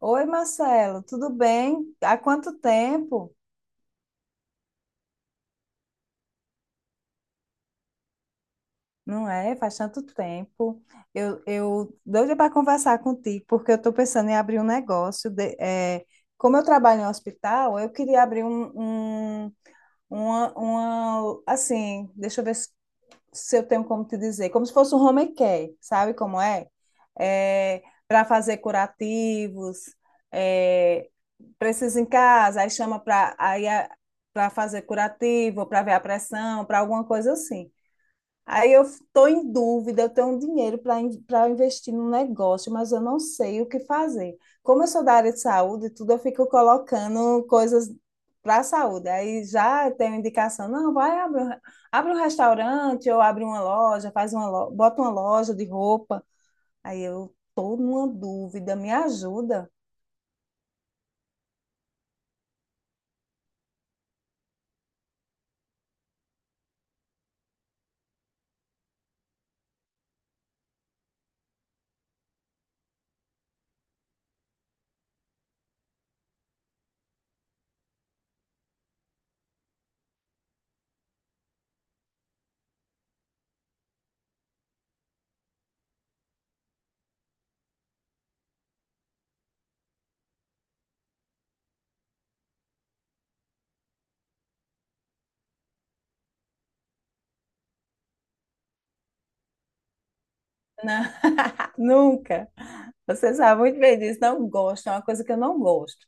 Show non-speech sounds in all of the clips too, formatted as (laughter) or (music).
Oi, Marcelo, tudo bem? Há quanto tempo? Não é? Faz tanto tempo. Eu doida para conversar contigo, porque eu estou pensando em abrir um negócio. Como eu trabalho em hospital, eu queria abrir um, um- uma, assim, deixa eu ver, se eu tenho como te dizer, como se fosse um home care, sabe como é? É para fazer curativos, é, precisa em casa, aí chama para aí para fazer curativo, para ver a pressão, para alguma coisa assim. Aí eu estou em dúvida, eu tenho um dinheiro para para investir no negócio, mas eu não sei o que fazer. Como eu sou da área de saúde, e tudo eu fico colocando coisas para a saúde. Aí já tenho indicação, não, vai abre, abre um restaurante ou abre uma loja, faz uma bota uma loja de roupa. Aí eu estou numa dúvida, me ajuda? Não, (laughs) nunca. Você sabe muito bem disso, não gosto, é uma coisa que eu não gosto.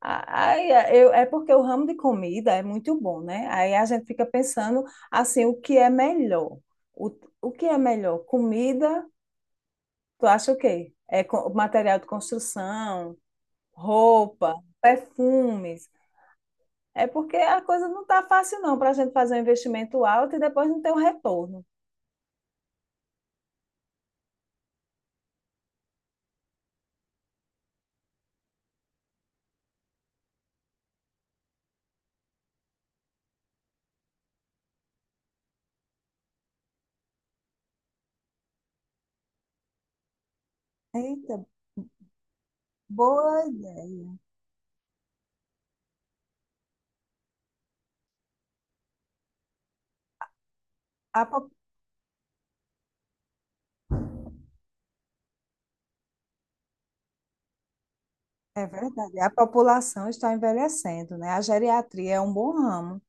É porque o ramo de comida é muito bom, né? Aí a gente fica pensando assim, o que é melhor? O, o que é melhor? Comida, tu acha o quê? Material de construção, roupa, perfumes. É porque a coisa não tá fácil não para a gente fazer um investimento alto e depois não ter um retorno. Eita, boa ideia. A po- É verdade, a população está envelhecendo, né? A geriatria é um bom ramo.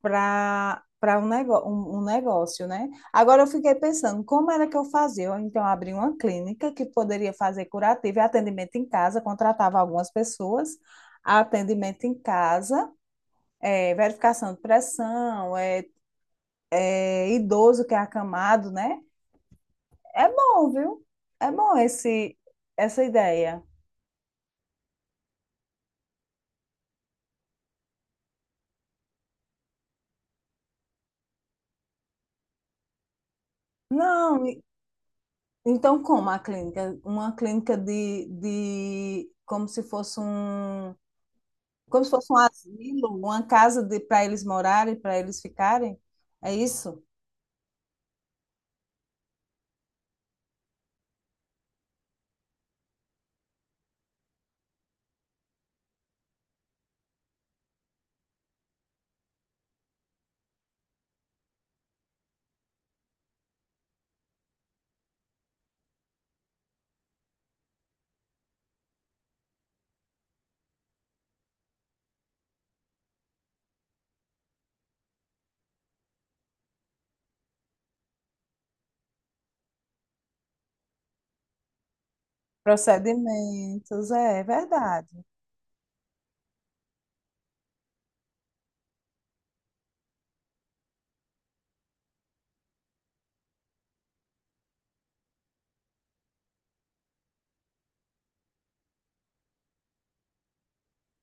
Para um negócio, né? Agora eu fiquei pensando, como era que eu fazia? Eu, então, abri uma clínica que poderia fazer curativo e atendimento em casa, contratava algumas pessoas, atendimento em casa, verificação de pressão, idoso que é acamado, né? É bom, viu? É bom essa ideia. Não, e- Então como a clínica? Uma clínica de como se fosse um... Como se fosse um asilo, uma casa para eles morarem, para eles ficarem. É isso? Procedimentos, é verdade.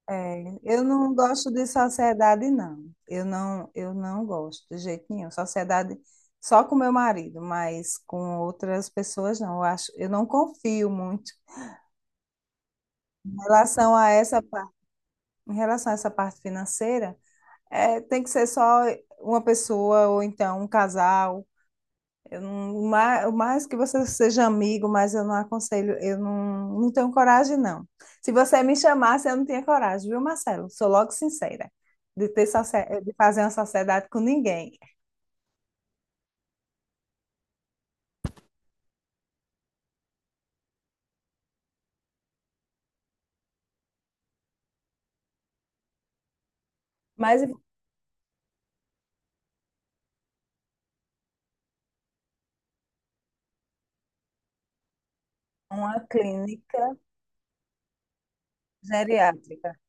É, eu não gosto de sociedade, não. Eu não gosto de jeito nenhum. Sociedade só com meu marido, mas com outras pessoas não. Eu acho, eu não confio muito. Em relação a essa parte, em relação a essa parte financeira, é, tem que ser só uma pessoa ou então um casal. Eu não, o ma- O mais que você seja amigo, mas eu não aconselho, eu não, não tenho coragem, não. Se você me chamasse, eu não tinha coragem, viu, Marcelo? Sou logo sincera, de ter de fazer uma sociedade com ninguém. Mas uma clínica geriátrica.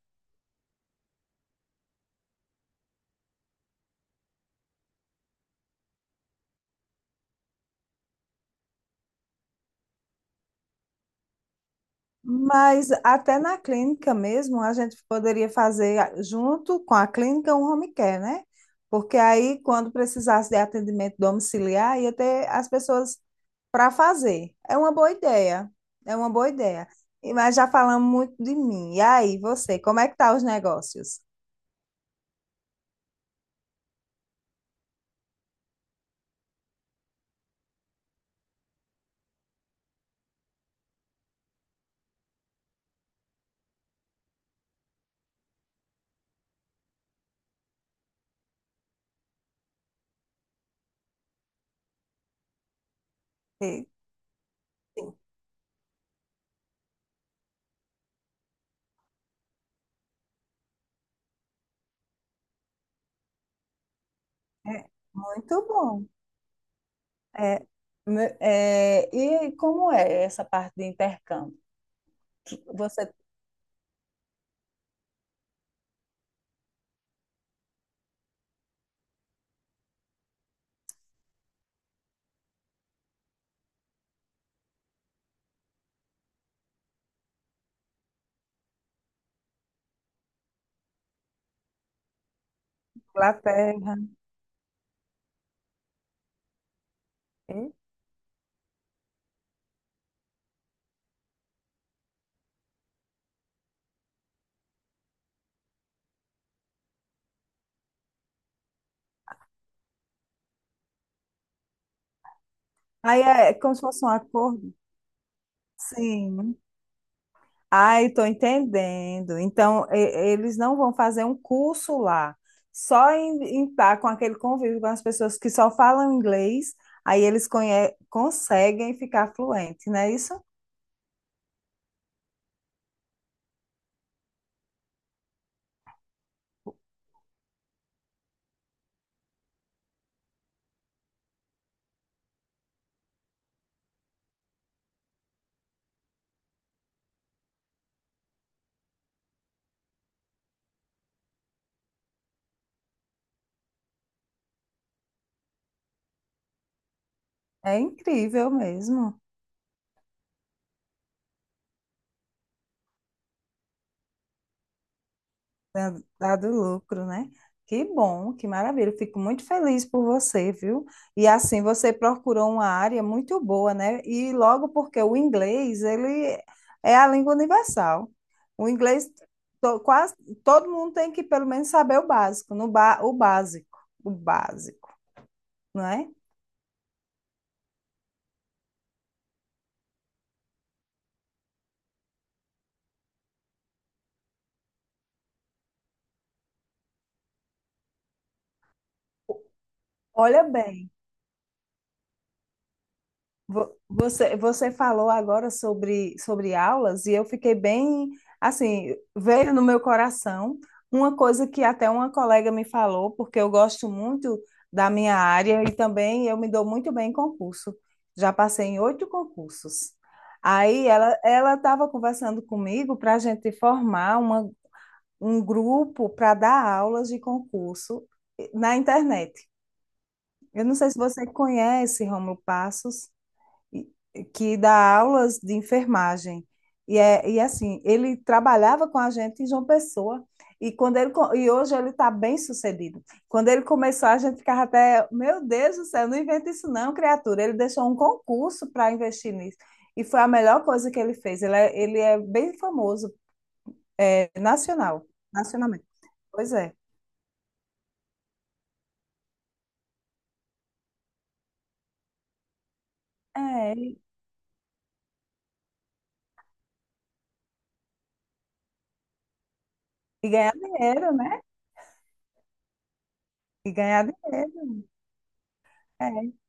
Mas até na clínica mesmo, a gente poderia fazer junto com a clínica um home care, né? Porque aí, quando precisasse de atendimento domiciliar, ia ter as pessoas para fazer. É uma boa ideia. É uma boa ideia. Mas já falamos muito de mim. E aí, você, como é que tá os negócios? E- Sim. É muito bom. É, e como é essa parte de intercâmbio? Você... Inglaterra. É? Aí é como se fosse um acordo? Sim. Ai, estou entendendo. Então, eles não vão fazer um curso lá, só em, em tá com aquele convívio com as pessoas que só falam inglês, aí eles conseguem ficar fluentes, não é isso? É incrível mesmo. da- Dado lucro, né? Que bom, que maravilha. Eu fico muito feliz por você, viu? E assim, você procurou uma área muito boa, né? E logo porque o inglês, ele é a língua universal. O inglês, quase todo mundo tem que pelo menos saber o básico, no ba, o básico, não é? Olha bem. Você falou agora sobre aulas e eu fiquei bem, assim, veio no meu coração uma coisa que até uma colega me falou, porque eu gosto muito da minha área e também eu me dou muito bem em concurso. Já passei em oito concursos. Aí ela estava conversando comigo para a gente formar uma, um grupo para dar aulas de concurso na internet. Eu não sei se você conhece Rômulo Passos que dá aulas de enfermagem. E assim, ele trabalhava com a gente em João Pessoa. E, quando ele, e hoje ele está bem sucedido. Quando ele começou, a gente ficava até, meu Deus do céu, não inventa isso não, criatura. Ele deixou um concurso para investir nisso. E foi a melhor coisa que ele fez. Ele é bem famoso, nacional, nacionalmente. Pois é. E e ganhar dinheiro, né? E ganhar dinheiro. É.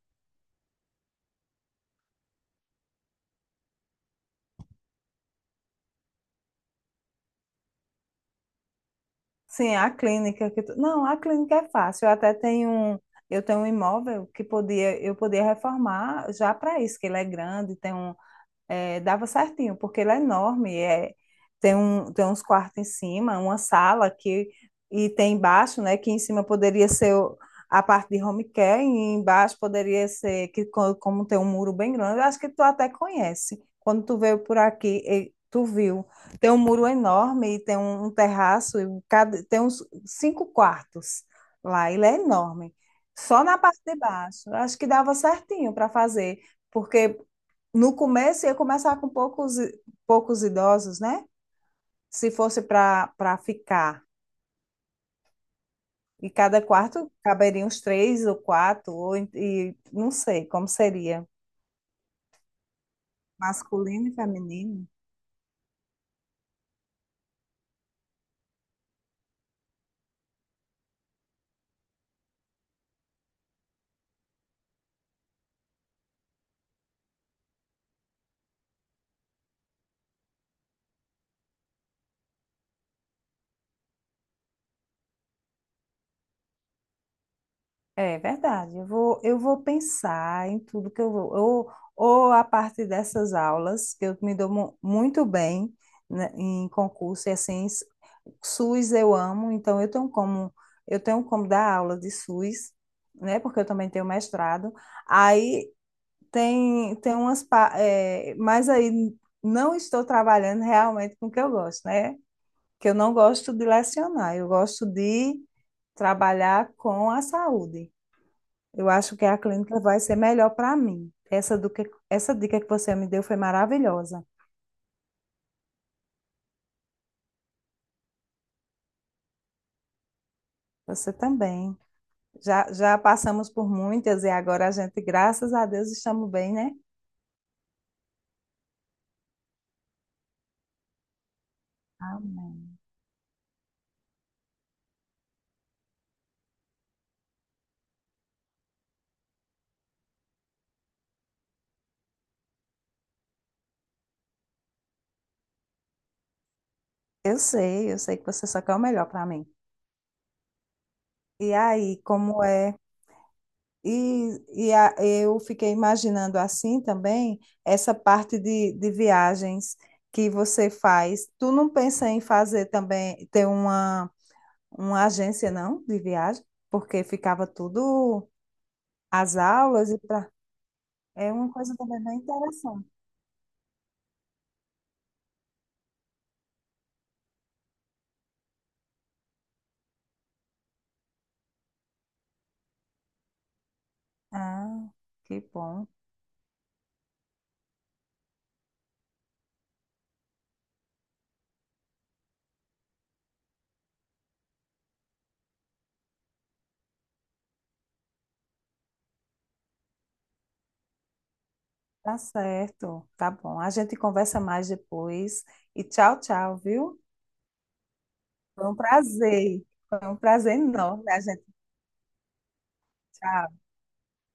Sim, a clínica que tu... Não, a clínica é fácil. Eu tenho um imóvel que podia, eu podia reformar já para isso, que ele é grande, tem um, é, dava certinho, porque ele é enorme, é, tem um, tem uns quartos em cima, uma sala que e tem embaixo, né, que em cima poderia ser a parte de home care e embaixo poderia ser que como tem um muro bem grande, eu acho que tu até conhece. Quando tu veio por aqui, tu viu. Tem um muro enorme e tem um, um terraço e cada, tem uns cinco quartos lá, ele é enorme. Só na parte de baixo. Eu acho que dava certinho para fazer, porque no começo ia começar com poucos, poucos idosos, né? Se fosse para para ficar. E cada quarto caberiam uns três ou quatro, ou, e não sei como seria. Masculino e feminino. É verdade. Eu vou pensar em tudo que eu vou. Ou a parte dessas aulas, que eu me dou muito bem né, em concurso, e assim, SUS eu amo, então eu tenho como dar aula de SUS, né? Porque eu também tenho mestrado. Aí tem umas mas aí não estou trabalhando realmente com o que eu gosto, né? Que eu não gosto de lecionar, eu gosto de trabalhar com a saúde. Eu acho que a clínica vai ser melhor para mim. Essa dica que você me deu foi maravilhosa. Você também. Já passamos por muitas e agora a gente, graças a Deus, estamos bem, né? Amém. Eu sei que você só quer o melhor para mim. E aí, como é? E, eu fiquei imaginando assim também essa parte de viagens que você faz. Tu não pensa em fazer também, ter uma agência, não, de viagem? Porque ficava tudo, as aulas e pra... É uma coisa também bem interessante. Ah, que bom. Tá certo, tá bom. A gente conversa mais depois. E tchau, tchau, viu? Foi um prazer. Foi um prazer enorme. A gente, tchau.